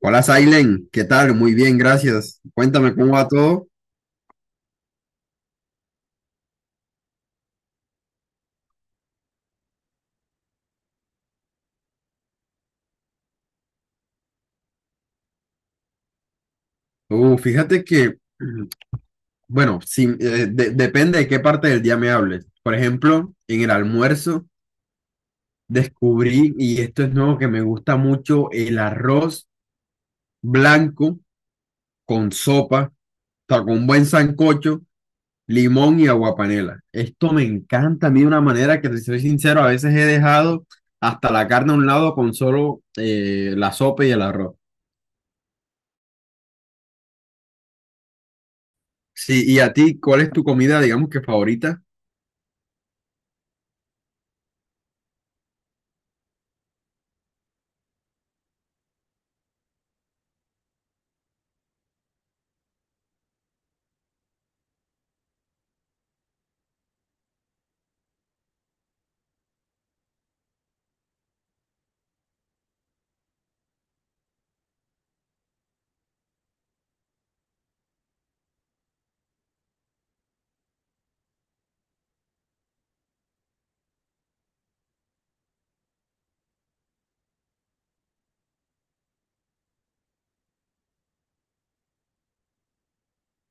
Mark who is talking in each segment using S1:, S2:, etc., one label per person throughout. S1: Hola, Sailen, ¿qué tal? Muy bien, gracias. Cuéntame cómo va todo. Fíjate que, mm, bueno, si, de- Depende de qué parte del día me hables. Por ejemplo, en el almuerzo descubrí, y esto es nuevo, que me gusta mucho el arroz blanco con sopa, o sea, con un buen sancocho, limón y aguapanela. Esto me encanta a mí de una manera que, te soy sincero, a veces he dejado hasta la carne a un lado con solo la sopa y el arroz. Sí, y a ti, ¿cuál es tu comida, digamos que favorita?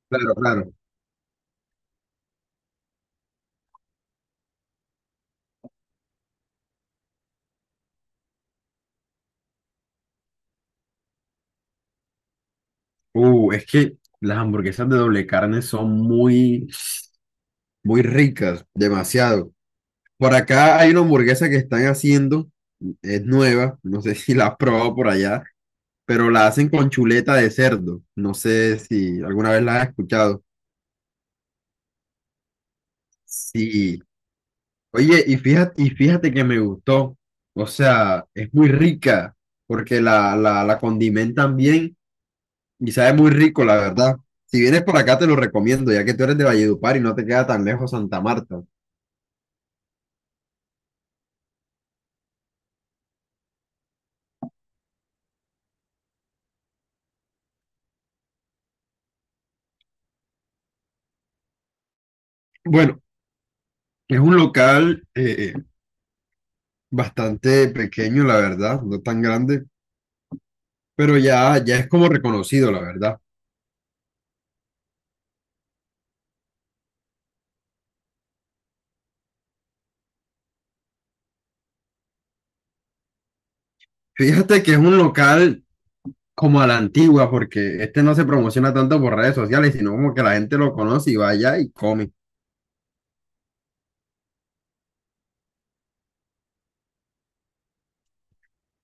S1: Claro, claro. Es que las hamburguesas de doble carne son muy, muy ricas, demasiado. Por acá hay una hamburguesa que están haciendo, es nueva, no sé si la has probado por allá, pero la hacen con chuleta de cerdo. No sé si alguna vez la has escuchado. Sí. Oye, y fíjate que me gustó. O sea, es muy rica porque la condimentan bien y sabe muy rico, la verdad. Si vienes por acá, te lo recomiendo, ya que tú eres de Valledupar y no te queda tan lejos Santa Marta. Bueno, es un local bastante pequeño, la verdad, no tan grande, pero ya, ya es como reconocido, la verdad. Fíjate que es un local como a la antigua, porque este no se promociona tanto por redes sociales, sino como que la gente lo conoce y vaya y come.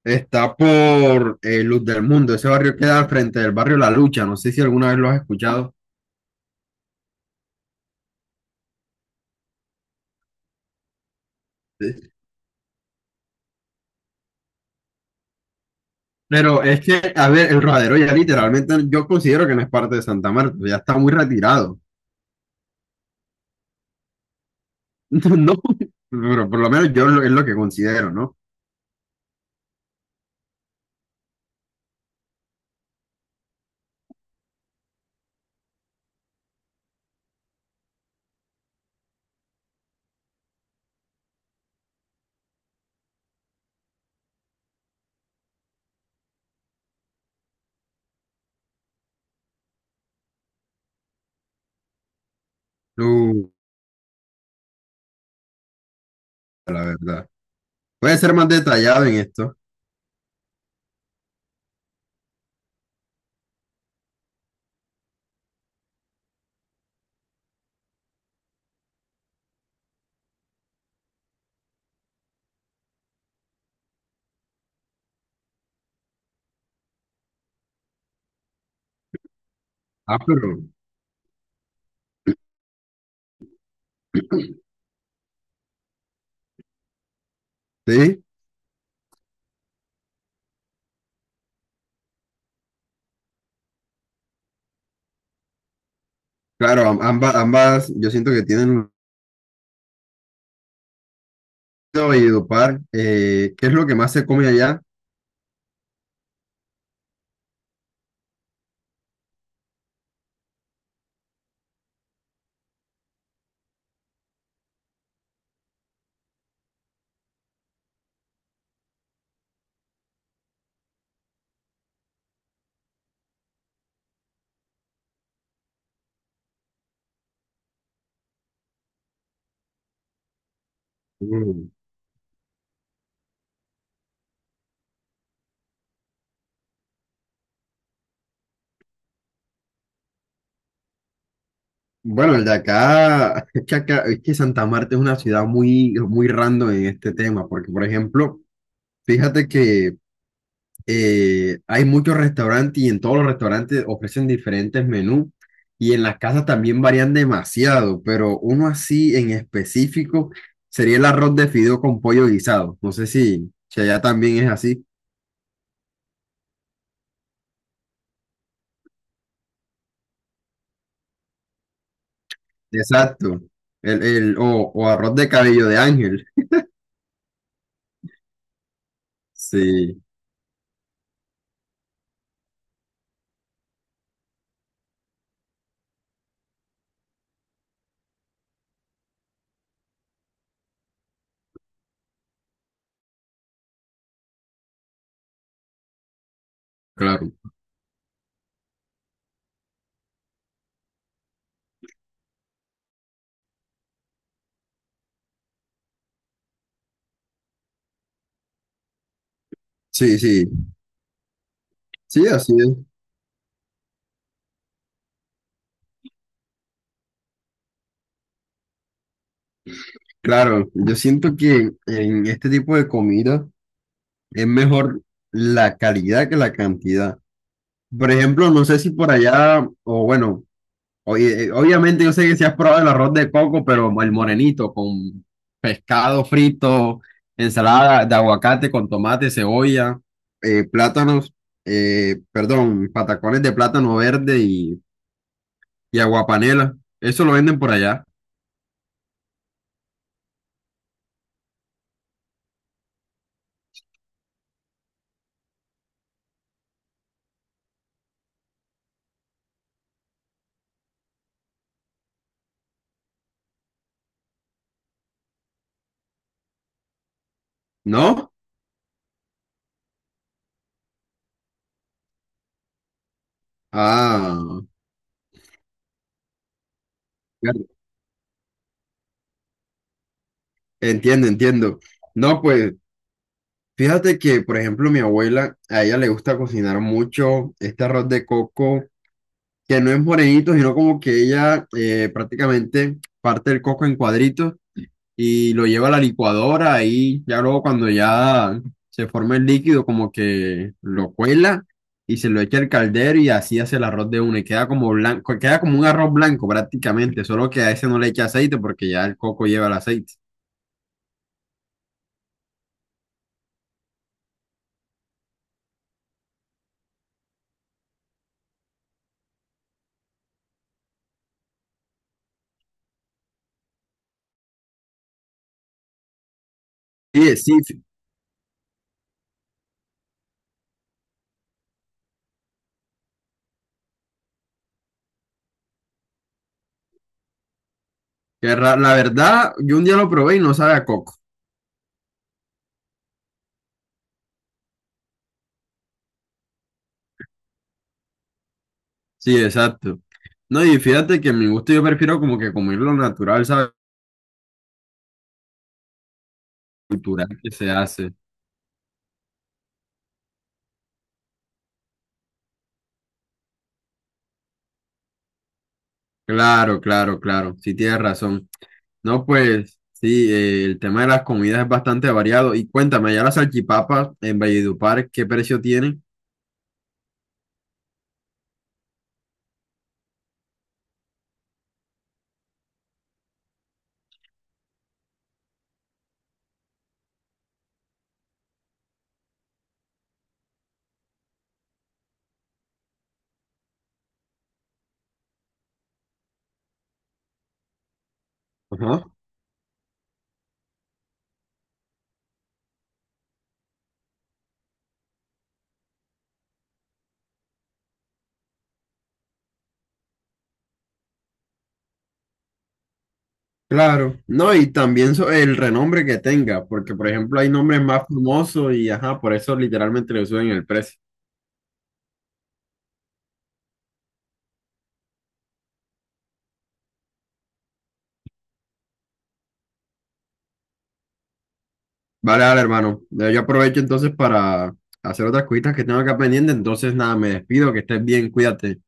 S1: Está por Luz del Mundo, ese barrio queda al frente del barrio La Lucha, no sé si alguna vez lo has escuchado. Pero es que, a ver, el rodadero ya literalmente yo considero que no es parte de Santa Marta, ya está muy retirado. No, pero por lo menos yo lo- es lo que considero, ¿no? Uh, la verdad. Puede ser más detallado en esto. Ah, pero sí, claro, am- ambas yo siento que tienen un y Valledupar. ¿Qué es lo que más se come allá? Uh, bueno, el de acá, es que acá- es que Santa Marta es una ciudad muy, muy random en este tema, porque por ejemplo, fíjate que hay muchos restaurantes y en todos los restaurantes ofrecen diferentes menús y en las casas también varían demasiado, pero uno así en específico sería el arroz de fideo con pollo guisado. No sé si, si allá también es así. Exacto. El, el, o, o arroz de cabello de ángel. Sí, claro. Sí, sí. Sí, así es. Claro, yo siento que en este tipo de comida es mejor la calidad que la cantidad. Por ejemplo, no sé si por allá, o bueno, oye, obviamente yo sé que si has probado el arroz de coco, pero el morenito con pescado frito, ensalada de aguacate con tomate, cebolla, plátanos, perdón, patacones de plátano verde y aguapanela. Eso lo venden por allá, ¿no? Ah, claro, entiendo, entiendo. No, pues fíjate que, por ejemplo, mi abuela, a ella le gusta cocinar mucho este arroz de coco que no es morenito, sino como que ella prácticamente parte el coco en cuadritos y lo lleva a la licuadora y ya luego cuando ya se forma el líquido como que lo cuela y se lo echa al caldero y así hace el arroz de una y queda como blanco, queda como un arroz blanco prácticamente, solo que a ese no le echa aceite porque ya el coco lleva el aceite. Sí, sí, sí, que ra- la verdad, yo un día lo probé y no sabe a coco. Sí, exacto. No, y fíjate que en mi gusto yo prefiero como que comerlo natural, ¿sabes? Cultural que se hace. Claro, claro, claro. Sí, tienes razón. No, pues sí, el tema de las comidas es bastante variado. Y cuéntame, allá las salchipapas en Valledupar, ¿qué precio tienen? Ajá. Claro. No, y también so- el renombre que tenga, porque por ejemplo hay nombres más famosos y ajá, por eso literalmente le suben el precio. Vale, vale, hermano. Yo aprovecho entonces para hacer otras cositas que tengo acá pendiente. Entonces, nada, me despido, que estés bien, cuídate.